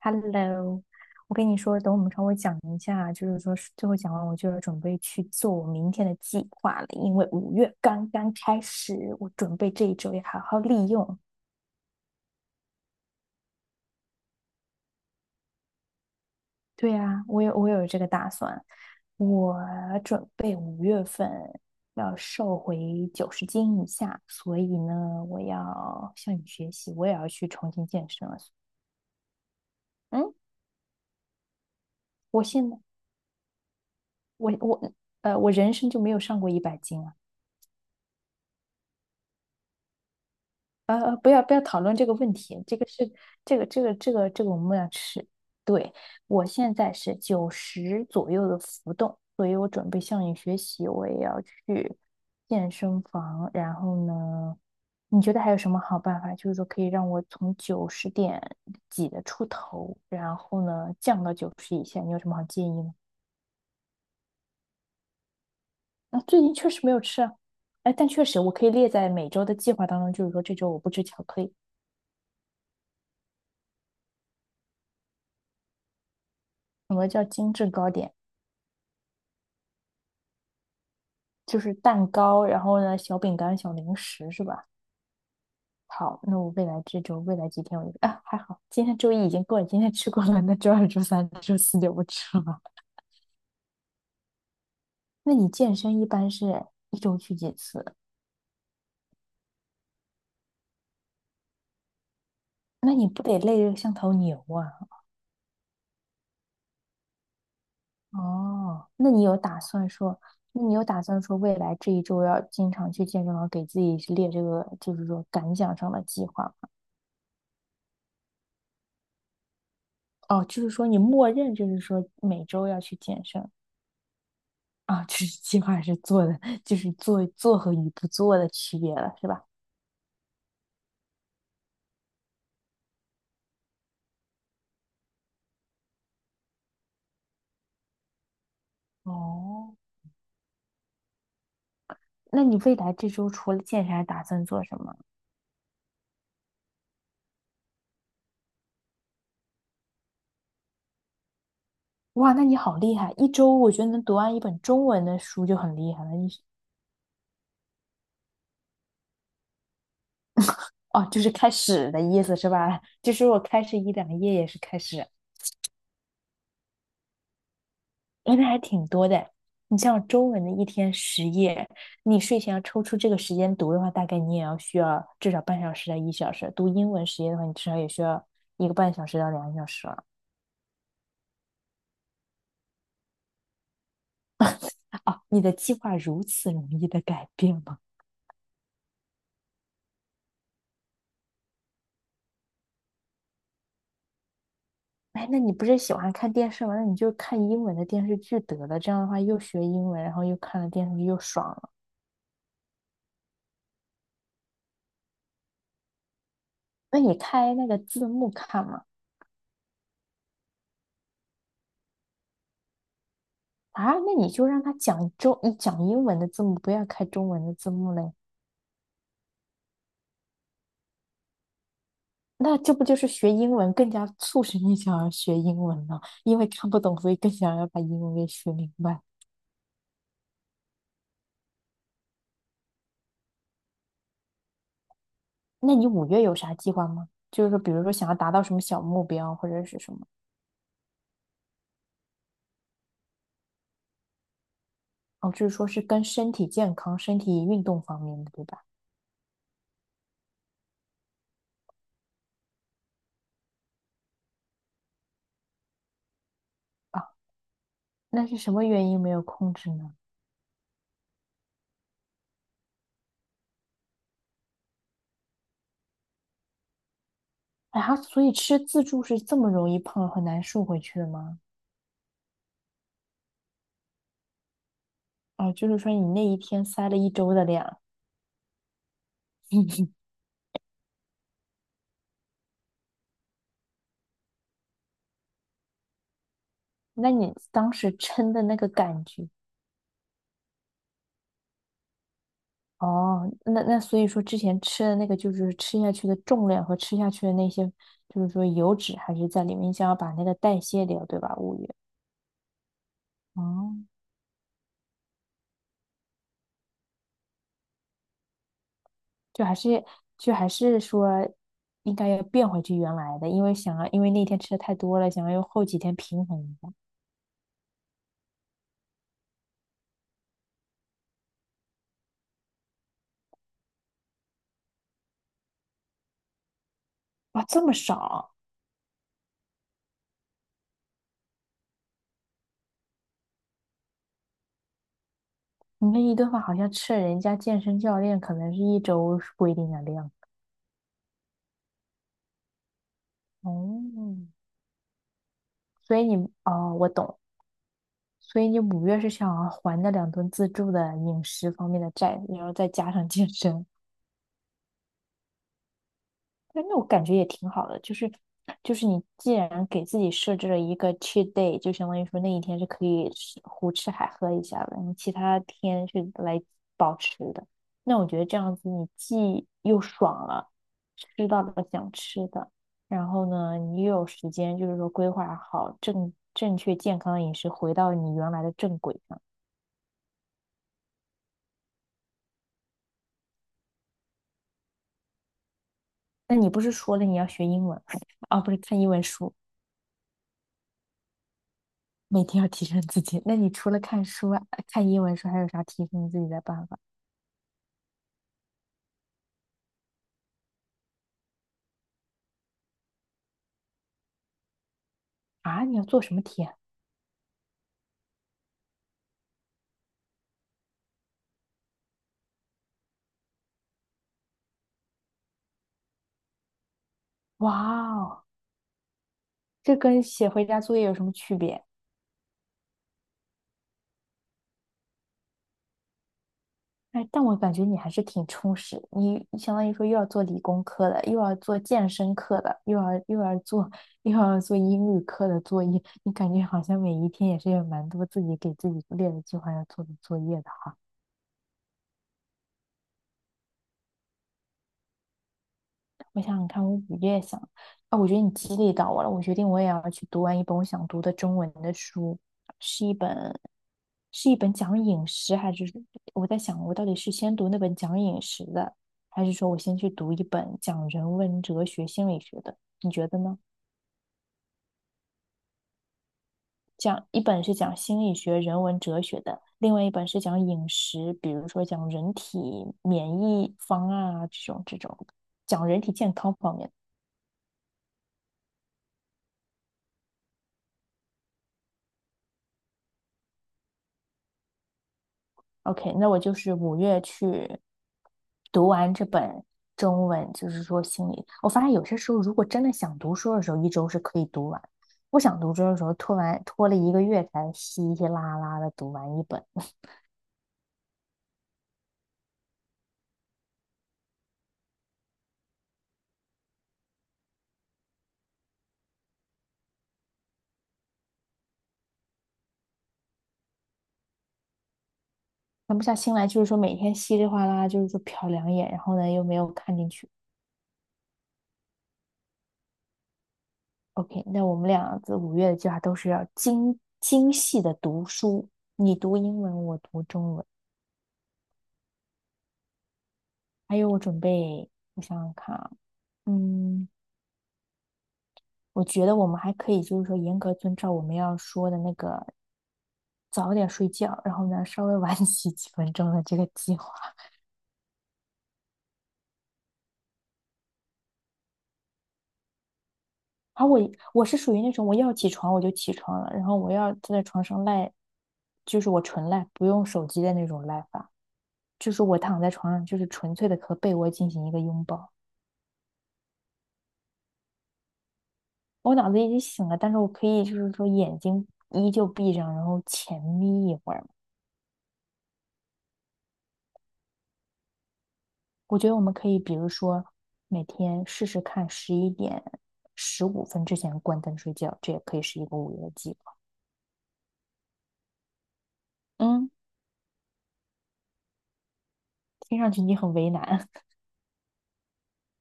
Hello，我跟你说，等我们稍微讲一下，就是说是最后讲完，我就要准备去做我明天的计划了，因为五月刚刚开始，我准备这一周要好好利用。对啊，我有这个打算，我准备五月份要瘦回90斤以下，所以呢，我要向你学习，我也要去重新健身了。嗯，我现在我我呃，我人生就没有上过100斤啊。不要讨论这个问题，这个我们要吃。对，我现在是九十左右的浮动，所以我准备向你学习，我也要去健身房。然后呢，你觉得还有什么好办法？就是说可以让我从90点几的出头，然后呢降到90以下，你有什么好建议吗？啊，最近确实没有吃啊，哎，但确实我可以列在每周的计划当中，就是说这周我不吃巧克力。什么叫精致糕点？就是蛋糕，然后呢，小饼干、小零食是吧？好，那我未来这周、未来几天我就啊，还好，今天周一已经过了，今天吃过了，那周二、周三、周四就不吃了。那你健身一般是一周去几次？那你不得累得像头牛啊？哦，那你有打算说，那你有打算说未来这一周要经常去健身房，给自己列这个就是说感想上的计划吗？哦，就是说你默认就是说每周要去健身。啊，就是计划是做的，就是做做和与不做的区别了，是吧？哦，那你未来这周除了健身，还打算做什么？哇，那你好厉害！一周我觉得能读完一本中文的书就很厉害了。你是哦，就是开始的意思是吧？就是我开始一两页也是开始，哎，那还挺多的。你像中文的一天十页，你睡前要抽出这个时间读的话，大概你也要需要至少半小时到一小时。读英文十页的话，你至少也需要一个半小时到2个小时了。哦，你的计划如此容易的改变吗？哎，那你不是喜欢看电视吗？那你就看英文的电视剧得了，这样的话又学英文，然后又看了电视剧，又爽了。那你开那个字幕看嘛？啊，那你就让他讲中，你讲英文的字幕，不要开中文的字幕嘞。那这不就是学英文更加促使你想要学英文了？因为看不懂，所以更想要把英文给学明白。那你五月有啥计划吗？就是说，比如说想要达到什么小目标，或者是什么？哦，就是说是跟身体健康、身体运动方面的，对吧？啊，那是什么原因没有控制呢？哎，他所以吃自助是这么容易胖很难瘦回去的吗？哦，就是说你那一天塞了一周的量，那你当时撑的那个感觉，哦，那那所以说之前吃的那个就是吃下去的重量和吃下去的那些，就是说油脂还是在里面，你想要把那个代谢掉，对吧？物欲。哦，就还是就还是说应该要变回去原来的，因为想要因为那天吃的太多了，想要用后几天平衡一下。哇，这么少！你那一顿饭好像吃了人家健身教练可能是一周规定的量。哦，所以你哦，我懂。所以你五月是想要还那2顿自助的饮食方面的债，然后再加上健身。但那我感觉也挺好的，就是就是你既然给自己设置了一个 cheat day，就相当于说那一天是可以吃胡吃海喝一下的，你其他天是来保持的。那我觉得这样子，你既又爽了，吃到了想吃的，然后呢，你又有时间，就是说规划好正确健康的饮食，回到你原来的正轨上。那你不是说了你要学英文 啊，不是看英文书？每天要提升自己。那你除了看书啊看英文书，还有啥提升自己的办法啊？你要做什么题啊？哇哦，这跟写回家作业有什么区别？哎，但我感觉你还是挺充实，你相当于说又要做理工科的，又要做健身课的，又要做英语课的作业，你感觉好像每一天也是有蛮多自己给自己列的计划要做的作业的哈。我想想看，我五月想啊，我觉得你激励到我了，我决定我也要去读完一本我想读的中文的书，是一本是一本讲饮食，还是我在想我到底是先读那本讲饮食的，还是说我先去读一本讲人文哲学、心理学的？你觉得呢？讲一本是讲心理学、人文哲学的，另外一本是讲饮食，比如说讲人体免疫方案啊这种这种，讲人体健康方面的。OK，那我就是五月去读完这本中文，就是说心里我发现有些时候如果真的想读书的时候，一周是可以读完；不想读书的时候，拖完拖了一个月才稀稀拉拉的读完一本。那不下心来，就是说每天稀里哗啦，就是说瞟两眼，然后呢又没有看进去。OK，那我们俩这五月的计划都是要精细的读书，你读英文，我读中文，还有我准备，我想想看啊，嗯。我觉得我们还可以就是说严格遵照我们要说的那个早点睡觉，然后呢稍微晚 起几分钟的这个计划。而我我是属于那种我要起床我就起床了，然后我要坐在床上赖，就是我纯赖，不用手机的那种赖法，就是我躺在床上就是纯粹的和被窝进行一个拥抱。我脑子已经醒了，但是我可以就是说眼睛依旧闭上，然后浅眯一会儿。我觉得我们可以，比如说每天试试看，11:15之前关灯睡觉，这也可以是一个午夜计划。嗯，听上去你很为难，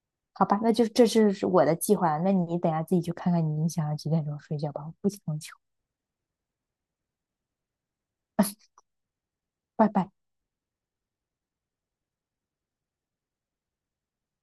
好吧？那就这是我的计划，那你等下自己去看看你想要几点钟睡觉吧，我不强求。拜拜。